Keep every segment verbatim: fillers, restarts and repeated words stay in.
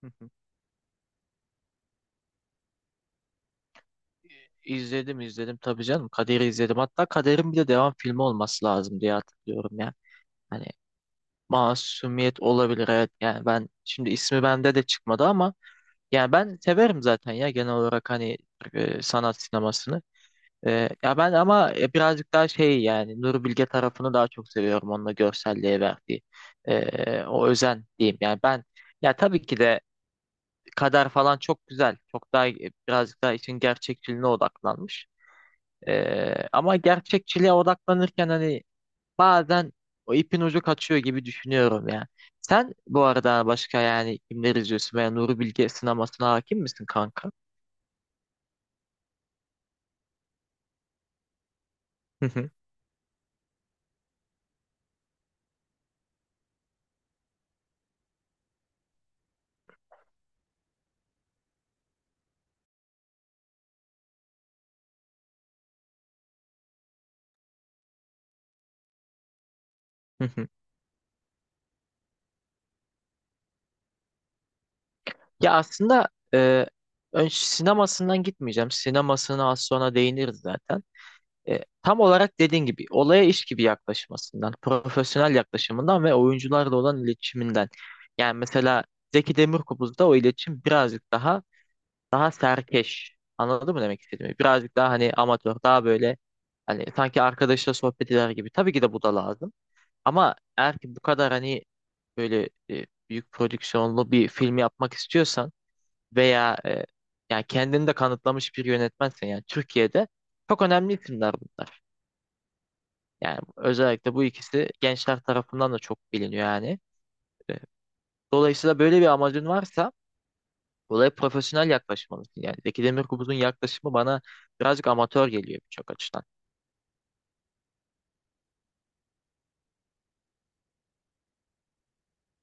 Hı hı. İzledim izledim tabii canım. Kader'i izledim. Hatta Kader'in bir de devam filmi olması lazım diye hatırlıyorum ya. Hani Masumiyet olabilir, evet. Yani ben şimdi ismi bende de çıkmadı ama. Yani ben severim zaten ya, genel olarak hani e, sanat sinemasını. E, ya ben ama e, birazcık daha şey, yani Nuri Bilge tarafını daha çok seviyorum, onunla görselliğe verdiği e, o özen diyeyim. Yani ben, ya tabii ki de Kader falan çok güzel. Çok daha e, birazcık daha için gerçekçiliğine odaklanmış. E, ama gerçekçiliğe odaklanırken hani bazen o ipin ucu kaçıyor gibi düşünüyorum ya. Sen bu arada başka yani kimler izliyorsun veya Nuri Bilge sinemasına hakim misin kanka? Hı hı. Ya aslında e, ön sinemasından gitmeyeceğim. Sinemasına az sonra değiniriz zaten. E, tam olarak dediğin gibi olaya iş gibi yaklaşmasından, profesyonel yaklaşımından ve oyuncularla olan iletişiminden. Yani mesela Zeki Demirkubuz'da o iletişim birazcık daha daha serkeş. Anladın mı demek istediğimi? Birazcık daha hani amatör, daha böyle hani sanki arkadaşla sohbet eder gibi. Tabii ki de bu da lazım. Ama eğer ki bu kadar hani böyle e, büyük prodüksiyonlu bir film yapmak istiyorsan veya e, yani kendini de kanıtlamış bir yönetmensen, yani Türkiye'de çok önemli isimler bunlar. Yani özellikle bu ikisi gençler tarafından da çok biliniyor yani. E, Dolayısıyla böyle bir amacın varsa olaya profesyonel yaklaşmalısın. Yani Zeki Demirkubuz'un yaklaşımı bana birazcık amatör geliyor birçok açıdan.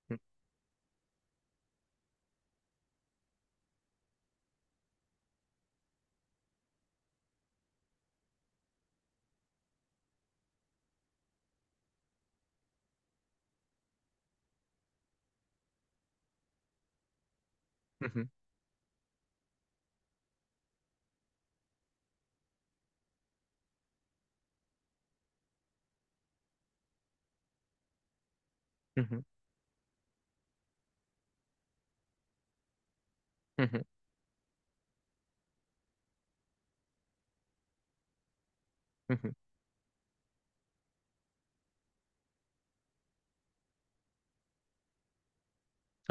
Hı. Hı hı, hı hı, hı hı, hı hı.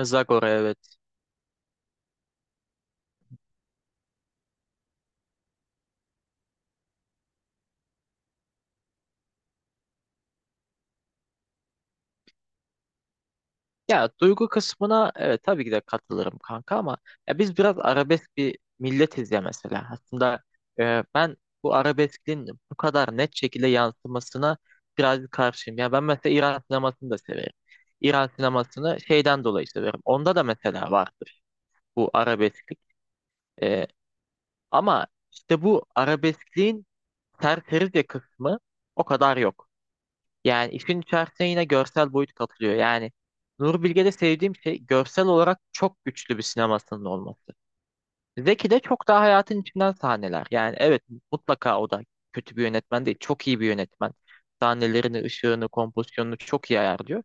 Zagor'a evet. Ya duygu kısmına evet tabii ki de katılırım kanka ama ya biz biraz arabesk bir milletiz ya mesela. Aslında e, ben bu arabeskin bu kadar net şekilde yansımasına biraz karşıyım. Ya ben mesela İran sinemasını da severim. İran sinemasını şeyden dolayı severim. Onda da mesela vardır bu arabesklik. E, ama işte bu arabeskliğin serserice kısmı o kadar yok. Yani işin içerisine yine görsel boyut katılıyor. Yani Nuri Bilge'de sevdiğim şey görsel olarak çok güçlü bir sinemasının olması. Zeki'de çok daha hayatın içinden sahneler. Yani evet mutlaka o da kötü bir yönetmen değil. Çok iyi bir yönetmen. Sahnelerini, ışığını, kompozisyonunu çok iyi ayarlıyor.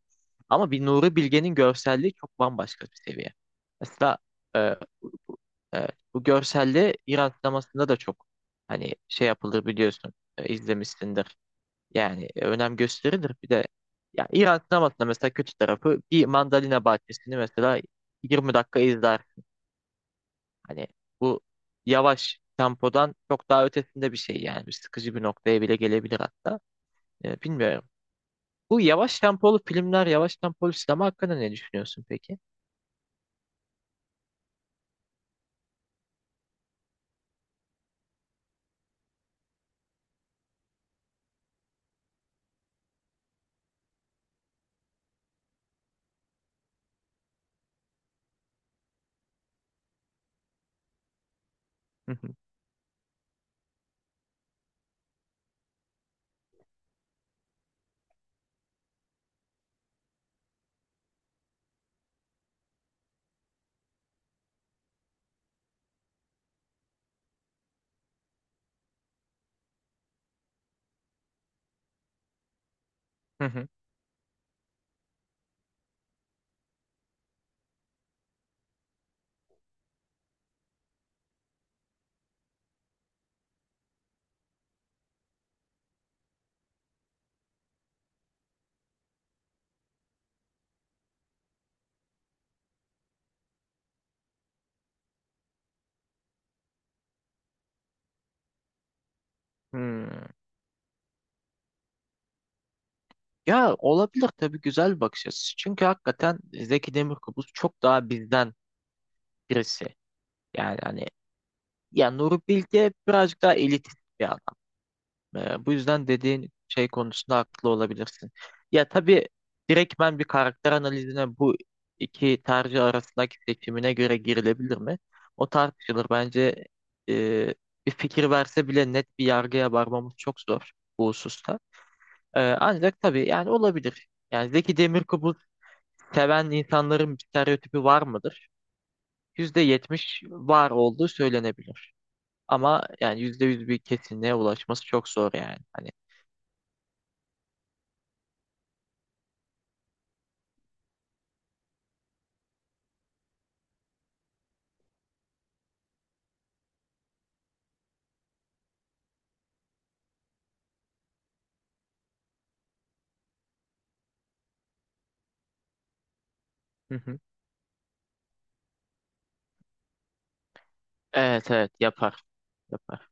Ama bir Nuri Bilge'nin görselliği çok bambaşka bir seviye. Mesela e, evet, bu görselliği İran sinemasında da çok hani şey yapılır biliyorsun, e, izlemişsindir. Yani e, önem gösterilir. Bir de ya İran sinemasında mesela kötü tarafı bir mandalina bahçesini mesela yirmi dakika izler. Hani bu yavaş tempodan çok daha ötesinde bir şey yani. Bir sıkıcı bir noktaya bile gelebilir hatta. Ee, bilmiyorum. Bu yavaş tempolu filmler, yavaş tempolu sinema hakkında ne düşünüyorsun peki? Hı hı, hı hı, hmm. Ya olabilir tabii, güzel bir bakış açısı. Çünkü hakikaten Zeki Demirkubuz çok daha bizden birisi. Yani hani, ya Nuri Bilge birazcık daha elitist bir adam. Ee, bu yüzden dediğin şey konusunda haklı olabilirsin. Ya tabii direkt ben bir karakter analizine bu iki tercih arasındaki seçimine göre girilebilir mi? O tartışılır. Bence e, bir fikir verse bile net bir yargıya varmamız çok zor bu hususta. Ee, ancak tabii yani olabilir. Yani Zeki Demirkubuz seven insanların bir stereotipi var mıdır? yüzde yetmiş var olduğu söylenebilir. Ama yani yüzde yüz bir kesinliğe ulaşması çok zor yani. Hani, hı hı. Evet evet yapar yapar.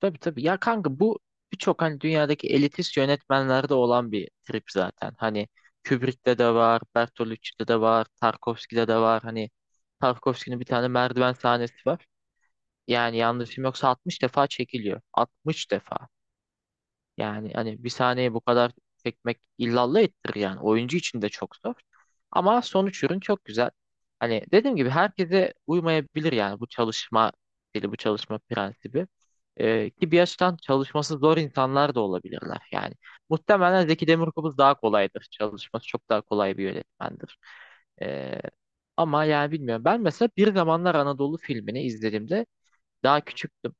Tabii tabii ya kanka, bu birçok hani dünyadaki elitist yönetmenlerde olan bir trip zaten. Hani Kubrick'te de var, Bertolucci'de de var, Tarkovski'de de var. Hani Tarkovski'nin bir tane merdiven sahnesi var. Yani yanlışım yoksa altmış defa çekiliyor. altmış defa. Yani hani bir saniye bu kadar çekmek illallah ettirir yani. Oyuncu için de çok zor. Ama sonuç ürün çok güzel. Hani dediğim gibi herkese uymayabilir yani bu çalışma stili, bu çalışma prensibi. Ee, ki bir yaştan çalışması zor insanlar da olabilirler yani. Muhtemelen Zeki Demirkubuz daha kolaydır. Çalışması çok daha kolay bir yönetmendir. Ee, ama yani bilmiyorum. Ben mesela Bir Zamanlar Anadolu filmini izlediğimde daha küçüktüm.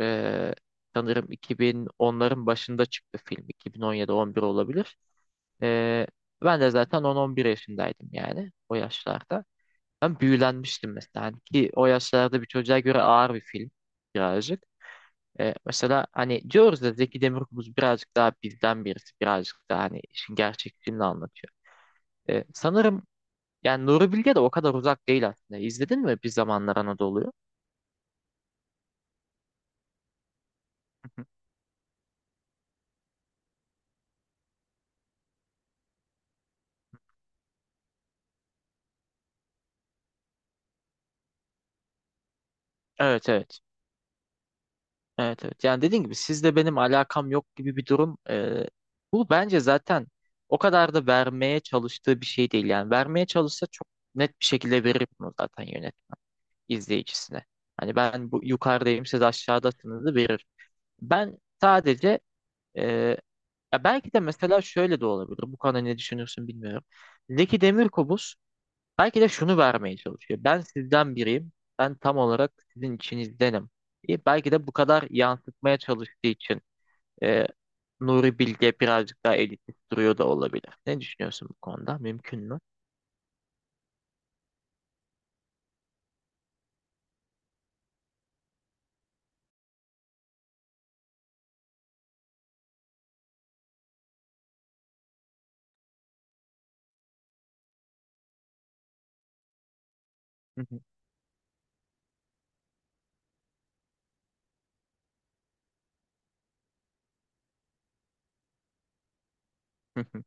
Ee, sanırım iki bin onların başında çıktı film. iki bin on yedi-on bir olabilir. Ee, ben de zaten on on bir yaşındaydım yani o yaşlarda. Ben büyülenmiştim mesela. Hani ki o yaşlarda bir çocuğa göre ağır bir film birazcık. Ee, mesela hani diyoruz da Zeki Demirkubuz birazcık daha bizden birisi, birazcık daha hani işin gerçekçiliğini anlatıyor. Ee, sanırım yani Nuri Bilge de o kadar uzak değil aslında. İzledin mi Bir Zamanlar Anadolu'yu? Evet evet. Evet evet. Yani dediğim gibi sizle benim alakam yok gibi bir durum. Ee, bu bence zaten o kadar da vermeye çalıştığı bir şey değil. Yani vermeye çalışsa çok net bir şekilde verir bunu zaten yönetmen izleyicisine. Hani ben bu yukarıdayım siz aşağıdasınız da verir. Ben sadece e, ya belki de mesela şöyle de olabilir. Bu konuda ne düşünürsün bilmiyorum. Zeki Demirkubuz belki de şunu vermeye çalışıyor. Ben sizden biriyim. Ben tam olarak sizin içinizdenim. E, belki de bu kadar yansıtmaya çalıştığı için e, Nuri Bilge birazcık daha elitist duruyor da olabilir. Ne düşünüyorsun bu konuda? Mümkün mü? Hı hı, hı hı,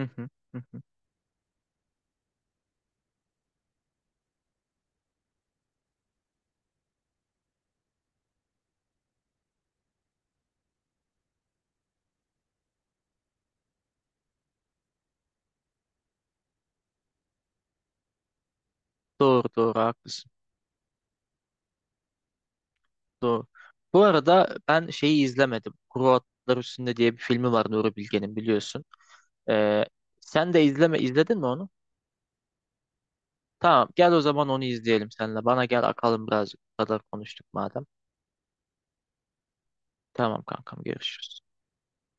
hı hı, hı hı. Doğru doğru haklısın. Doğru. Bu arada ben şeyi izlemedim. Kuru Otlar Üstünde diye bir filmi var Nuri Bilge'nin, biliyorsun. E, sen de izleme izledin mi onu? Tamam, gel o zaman onu izleyelim seninle. Bana gel akalım birazcık. Bu kadar konuştuk madem. Tamam kankam, görüşürüz.